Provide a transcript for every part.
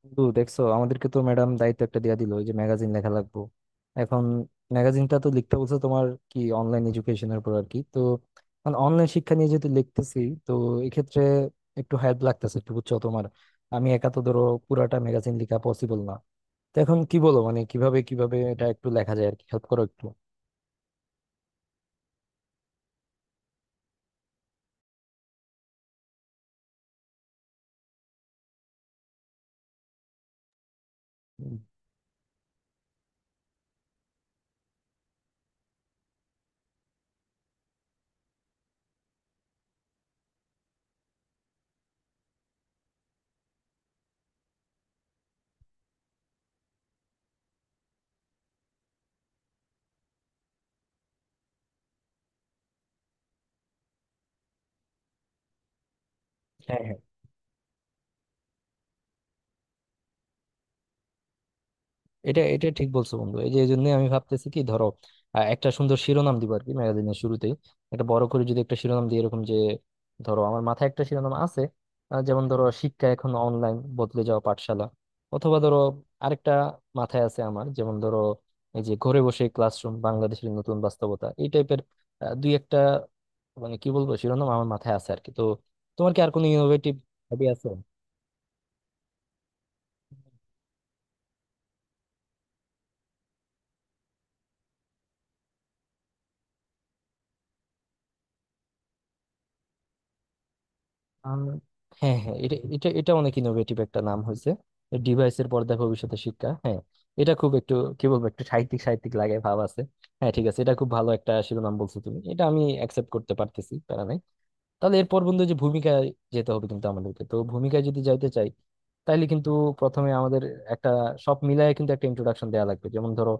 বন্ধু দেখছো আমাদেরকে তো ম্যাডাম দায়িত্ব একটা দিয়া দিল, ওই যে ম্যাগাজিন লেখা লাগবো এখন। ম্যাগাজিনটা তো লিখতে বলছে তোমার, কি অনলাইন এডুকেশনের উপর আর কি। তো অনলাইন শিক্ষা নিয়ে যেহেতু লিখতেছি, তো এক্ষেত্রে একটু হেল্প লাগতেছে একটু, বুঝছো তোমার? আমি একা তো ধরো পুরাটা ম্যাগাজিন লেখা পসিবল না। তো এখন কি বলো, মানে কিভাবে কিভাবে এটা একটু লেখা যায় আর কি, হেল্প করো একটু। হ্যাঁ, এটা এটা ঠিক বলছো বন্ধু। এই যে, এই জন্য আমি ভাবতেছি কি, ধরো একটা সুন্দর শিরোনাম দিব আর কি ম্যাগাজিনের শুরুতেই। একটা বড় করে যদি একটা শিরোনাম দিই, এরকম যে, ধরো আমার মাথায় একটা শিরোনাম আছে যেমন ধরো, শিক্ষা এখন অনলাইন, বদলে যাওয়া পাঠশালা। অথবা ধরো আরেকটা মাথায় আছে আমার, যেমন ধরো এই যে ঘরে বসে ক্লাসরুম, বাংলাদেশের নতুন বাস্তবতা, এই টাইপের দুই একটা মানে কি বলবো শিরোনাম আমার মাথায় আছে আর কি। তো তোমার কি আর কোনো ইনোভেটিভ আইডিয়া আছে? আম, হ্যাঁ হ্যাঁ, এটা এটা এটা অনেক ইনোভেটিভ একটা নাম হয়েছে, ডিভাইসের পর্দায় ভবিষ্যতে শিক্ষা। হ্যাঁ, এটা খুব একটু কি বলবো, একটু সাহিত্যিক সাহিত্যিক লাগে, ভাব আছে। হ্যাঁ ঠিক আছে, এটা খুব ভালো একটা শিরোনাম বলছো তুমি, এটা আমি অ্যাকসেপ্ট করতে পারতেছি, প্যারা নাই। তাহলে এরপর বন্ধু যে ভূমিকায় যেতে হবে কিন্তু আমাদেরকে, তো ভূমিকায় যদি যাইতে চাই তাইলে কিন্তু প্রথমে আমাদের একটা সব মিলায় কিন্তু একটা ইন্ট্রোডাকশন দেওয়া লাগবে। যেমন ধরো,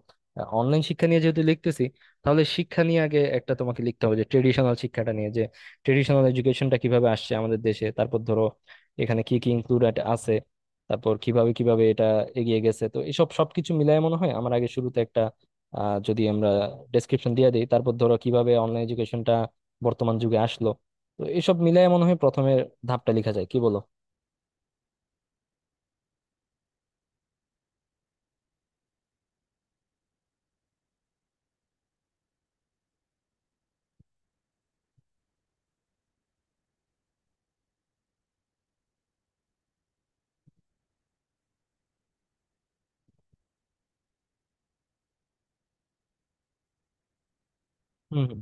অনলাইন শিক্ষা নিয়ে যেহেতু লিখতেছি, তাহলে শিক্ষা নিয়ে আগে একটা তোমাকে লিখতে হবে, যে ট্রেডিশনাল শিক্ষাটা নিয়ে, ট্রেডিশনাল এডুকেশনটা কিভাবে আসছে আমাদের দেশে। তারপর ধরো এখানে কি কি ইনক্লুডেড আছে, তারপর কিভাবে কিভাবে এটা এগিয়ে গেছে। তো এসব সবকিছু মিলায় মনে হয় আমার আগে শুরুতে একটা যদি আমরা ডেসক্রিপশন দিয়ে দিই, তারপর ধরো কিভাবে অনলাইন এডুকেশনটা বর্তমান যুগে আসলো। তো এসব মিলায় মনে হয় প্রথমের ধাপটা লেখা যায়, কি বলো? হুম হুম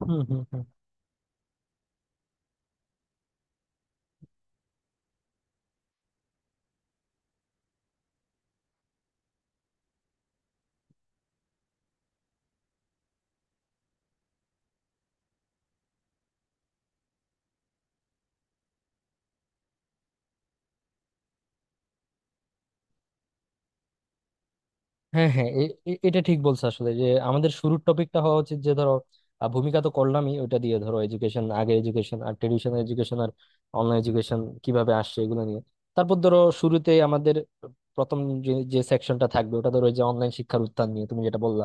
হুম হুম হুম। হ্যাঁ হ্যাঁ, এটা ঠিক বলছো আসলে, যে আমাদের শুরুর টপিকটা হওয়া উচিত, যে ধরো ভূমিকা তো করলামই ওইটা দিয়ে, ধরো এডুকেশন আগে, এডুকেশন আর ট্রেডিশনাল এডুকেশন আর অনলাইন এডুকেশন কিভাবে আসছে এগুলো নিয়ে। তারপর ধরো শুরুতেই আমাদের প্রথম যে যে সেকশনটা থাকবে ওটা ধরো ওই যে অনলাইন শিক্ষার উত্থান নিয়ে তুমি যেটা বললা,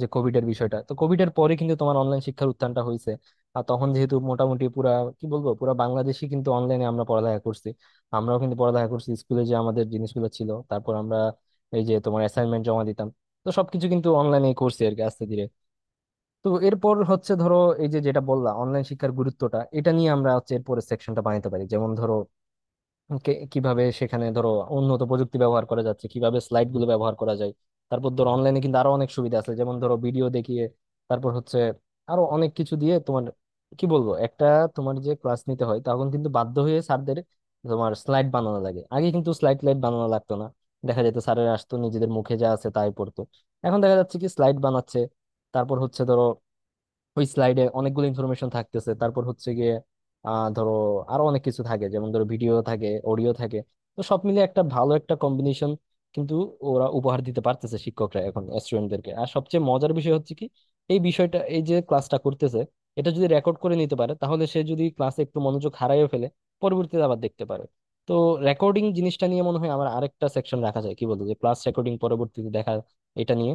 যে কোভিড এর বিষয়টা। তো কোভিড এর পরে কিন্তু তোমার অনলাইন শিক্ষার উত্থানটা হয়েছে, আর তখন যেহেতু মোটামুটি পুরা কি বলবো পুরা বাংলাদেশই কিন্তু অনলাইনে আমরা পড়ালেখা করছি। আমরাও কিন্তু পড়ালেখা করছি, স্কুলে যে আমাদের জিনিসগুলো ছিল তারপর আমরা এই যে তোমার অ্যাসাইনমেন্ট জমা দিতাম, তো সবকিছু কিন্তু অনলাইনে করছি আর কি আস্তে ধীরে। তো এরপর হচ্ছে ধরো এই যে যেটা বললা, অনলাইন শিক্ষার গুরুত্বটা, এটা নিয়ে আমরা হচ্ছে এরপরের সেকশনটা বানাতে পারি। যেমন ধরো কিভাবে সেখানে ধরো উন্নত প্রযুক্তি ব্যবহার করা যাচ্ছে, কিভাবে স্লাইড গুলো ব্যবহার করা যায়। তারপর ধরো অনলাইনে কিন্তু আরো অনেক সুবিধা আছে, যেমন ধরো ভিডিও দেখিয়ে, তারপর হচ্ছে আরো অনেক কিছু দিয়ে তোমার কি বলবো একটা, তোমার যে ক্লাস নিতে হয় তখন কিন্তু বাধ্য হয়ে স্যারদের তোমার স্লাইড বানানো লাগে। আগে কিন্তু স্লাইড স্লাইড বানানো লাগতো না, দেখা যেত স্যারের আসতো নিজেদের মুখে যা আছে তাই পড়তো। এখন দেখা যাচ্ছে কি স্লাইড বানাচ্ছে, তারপর হচ্ছে ধরো ওই স্লাইডে অনেকগুলো ইনফরমেশন থাকতেছে, তারপর হচ্ছে গিয়ে ধরো আরো অনেক কিছু থাকে, যেমন ধরো ভিডিও থাকে, অডিও থাকে। তো সব মিলে একটা ভালো একটা কম্বিনেশন কিন্তু ওরা উপহার দিতে পারতেছে শিক্ষকরা এখন স্টুডেন্টদেরকে। আর সবচেয়ে মজার বিষয় হচ্ছে কি, এই বিষয়টা, এই যে ক্লাসটা করতেছে এটা যদি রেকর্ড করে নিতে পারে, তাহলে সে যদি ক্লাসে একটু মনোযোগ হারাইও ফেলে পরবর্তীতে আবার দেখতে পারে। তো রেকর্ডিং জিনিসটা নিয়ে মনে হয় আমার আরেকটা সেকশন রাখা যায়, কি বলতো, যে ক্লাস রেকর্ডিং পরবর্তীতে দেখা, এটা নিয়ে।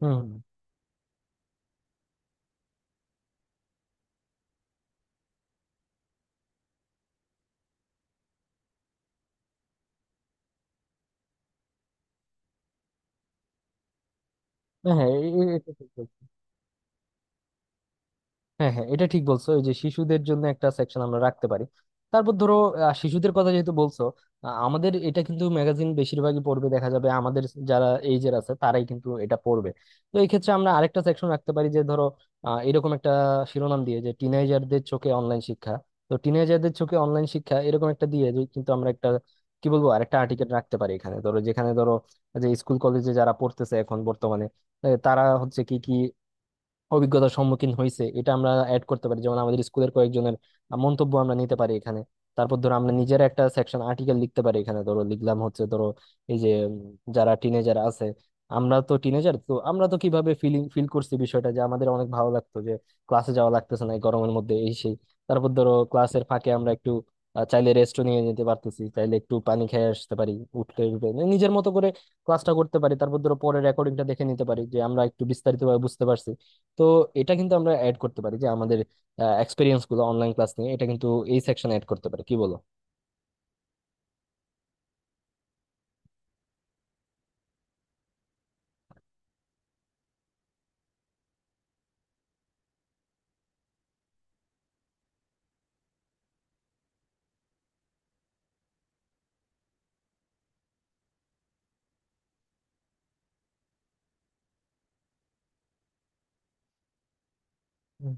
হুম হুম। হ্যাঁ হ্যাঁ, এটা ঠিক বলছো। হ্যাঁ হ্যাঁ, এটা ঠিক বলছো, এই যে শিশুদের জন্য একটা সেকশন আমরা রাখতে পারি। তারপর ধরো শিশুদের কথা যেহেতু বলছো, আমাদের এটা কিন্তু ম্যাগাজিন বেশিরভাগই পড়বে দেখা যাবে আমাদের যারা এইজের আছে তারাই কিন্তু এটা পড়বে। তো এই ক্ষেত্রে আমরা আরেকটা সেকশন রাখতে পারি, যে ধরো এরকম একটা শিরোনাম দিয়ে, যে টিনেজারদের চোখে অনলাইন শিক্ষা। তো টিনেজারদের চোখে অনলাইন শিক্ষা, এরকম একটা দিয়ে যে কিন্তু আমরা একটা কি বলবো আরেকটা আর্টিকেল রাখতে পারি এখানে। ধরো যেখানে ধরো যে স্কুল কলেজে যারা পড়তেছে এখন বর্তমানে, তারা হচ্ছে কি কি অভিজ্ঞতার সম্মুখীন হয়েছে, এটা আমরা অ্যাড করতে পারি। যেমন আমাদের স্কুলের কয়েকজনের মন্তব্য আমরা নিতে পারি এখানে। তারপর ধরো আমরা নিজের একটা সেকশন আর্টিকেল লিখতে পারি এখানে, ধরো লিখলাম হচ্ছে ধরো এই যে যারা টিনেজার আছে, আমরা তো টিনেজার, তো আমরা তো কিভাবে ফিলিং ফিল করছি বিষয়টা, যে আমাদের অনেক ভালো লাগতো যে ক্লাসে যাওয়া লাগতেছে না এই গরমের মধ্যে এই সেই। তারপর ধরো ক্লাসের ফাঁকে আমরা একটু চাইলে রেস্টও নিয়ে নিতে পারতেছি, চাইলে একটু পানি খেয়ে আসতে পারি, উঠতে উঠতে মানে নিজের মতো করে ক্লাসটা করতে পারি। তারপর ধরো পরে রেকর্ডিংটা দেখে নিতে পারি যে আমরা একটু বিস্তারিতভাবে বুঝতে পারছি। তো এটা কিন্তু আমরা অ্যাড করতে পারি যে আমাদের এক্সপিরিয়েন্স গুলো অনলাইন ক্লাস নিয়ে, এটা কিন্তু এই সেকশন অ্যাড করতে পারি, কি বলো? হুম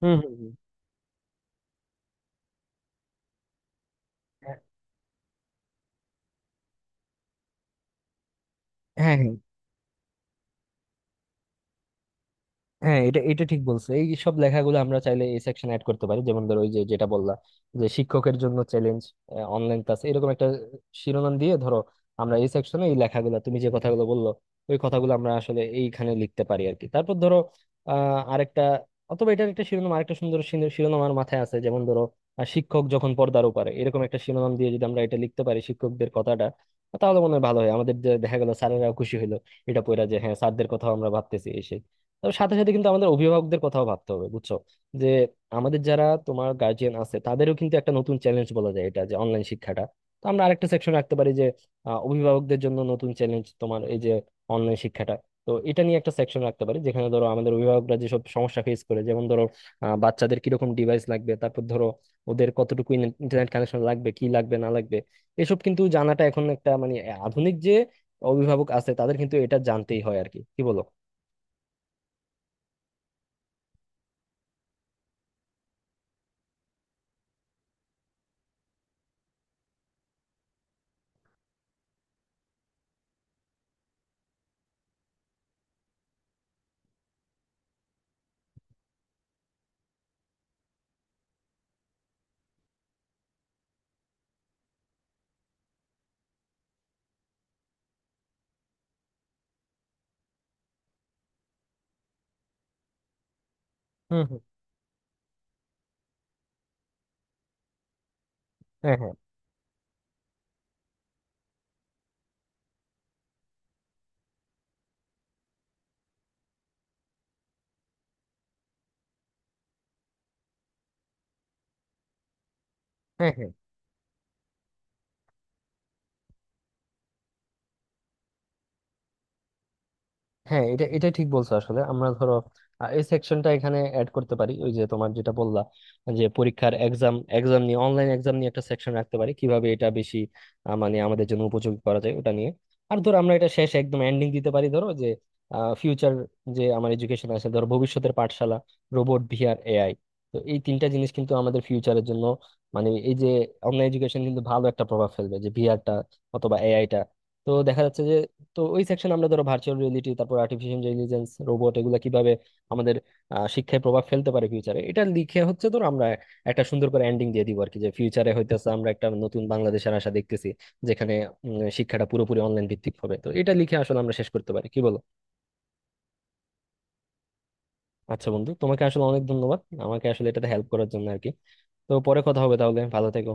হুম হুম হুম। হ্যাঁ হ্যাঁ হ্যাঁ, এটা এটা ঠিক বলছো, এই সব লেখাগুলো আমরা চাইলে এই সেকশন অ্যাড করতে পারি। যেমন ধরো ওই যে যেটা বললা, যে শিক্ষকের জন্য চ্যালেঞ্জ অনলাইন ক্লাস, এরকম একটা শিরোনাম দিয়ে ধরো আমরা এই সেকশনে এই লেখাগুলো, তুমি যে কথাগুলো বললো ওই কথাগুলো আমরা আসলে এইখানে লিখতে পারি আর কি। তারপর ধরো আরেকটা, অথবা এটার একটা শিরোনাম আরেকটা সুন্দর শিরোনাম আমার মাথায় আছে, যেমন ধরো শিক্ষক যখন পর্দার ওপারে, এরকম একটা শিরোনাম দিয়ে যদি আমরা এটা লিখতে পারি শিক্ষকদের কথাটা, তাহলে মনে হয় ভালো হয় আমাদের। যে দেখা গেল স্যারেরাও খুশি হলো এটা পড়া, যে হ্যাঁ স্যারদের কথা আমরা ভাবতেছি। তো সাথে সাথে কিন্তু আমাদের অভিভাবকদের কথাও ভাবতে হবে বুঝছো? যে আমাদের যারা তোমার গার্জিয়ান আছে তাদেরও কিন্তু একটা নতুন চ্যালেঞ্জ বলা যায় এটা, যে অনলাইন শিক্ষাটা। তো আমরা আরেকটা সেকশন রাখতে পারি যে অভিভাবকদের জন্য নতুন চ্যালেঞ্জ, তোমার এই যে অনলাইন শিক্ষাটা। তো এটা নিয়ে একটা সেকশন রাখতে পারি, যেখানে ধরো আমাদের অভিভাবকরা যেসব সমস্যা ফেস করে, যেমন ধরো বাচ্চাদের কিরকম ডিভাইস লাগবে, তারপর ধরো ওদের কতটুকু ইন্টারনেট কানেকশন লাগবে কি লাগবে না লাগবে। এসব কিন্তু জানাটা এখন একটা মানে আধুনিক যে অভিভাবক আছে তাদের কিন্তু এটা জানতেই হয় আর কি, কি বলো? হুম হুম হ্যাঁ হ্যাঁ হ্যাঁ হ্যাঁ হ্যাঁ, এটা এটা ঠিক বলছো আসলে। আমরা ধরো এই সেকশনটা এখানে অ্যাড করতে পারি ওই যে তোমার যেটা বললা, যে পরীক্ষার এক্সাম এক্সাম নিয়ে, অনলাইন এক্সাম নিয়ে একটা সেকশন রাখতে পারি, কিভাবে এটা বেশি মানে আমাদের জন্য উপযোগী করা যায় ওটা নিয়ে। আর ধরো আমরা এটা শেষ একদম এন্ডিং দিতে পারি ধরো যে ফিউচার, যে আমার এডুকেশন আছে ধরো, ভবিষ্যতের পাঠশালা, রোবট, ভিআর, এআই। তো এই তিনটা জিনিস কিন্তু আমাদের ফিউচারের জন্য মানে এই যে অনলাইন এডুকেশন কিন্তু ভালো একটা প্রভাব ফেলবে, যে ভিআরটা অথবা এআইটা। তো দেখা যাচ্ছে যে, তো ওই সেকশন আমরা ধরো ভার্চুয়াল রিয়েলিটি, তারপর আর্টিফিশিয়াল ইন্টেলিজেন্স, রোবট, এগুলো কিভাবে আমাদের শিক্ষায় প্রভাব ফেলতে পারে ফিউচারে, এটা লিখে হচ্ছে ধরো আমরা একটা সুন্দর করে এন্ডিং দিয়ে দিব আর কি। যে ফিউচারে হইতেছে আমরা একটা নতুন বাংলাদেশের আশা দেখতেছি, যেখানে শিক্ষাটা পুরোপুরি অনলাইন ভিত্তিক হবে। তো এটা লিখে আসলে আমরা শেষ করতে পারি, কি বলো? আচ্ছা বন্ধু, তোমাকে আসলে অনেক ধন্যবাদ আমাকে আসলে এটাতে হেল্প করার জন্য আর কি। তো পরে কথা হবে তাহলে, ভালো থেকো।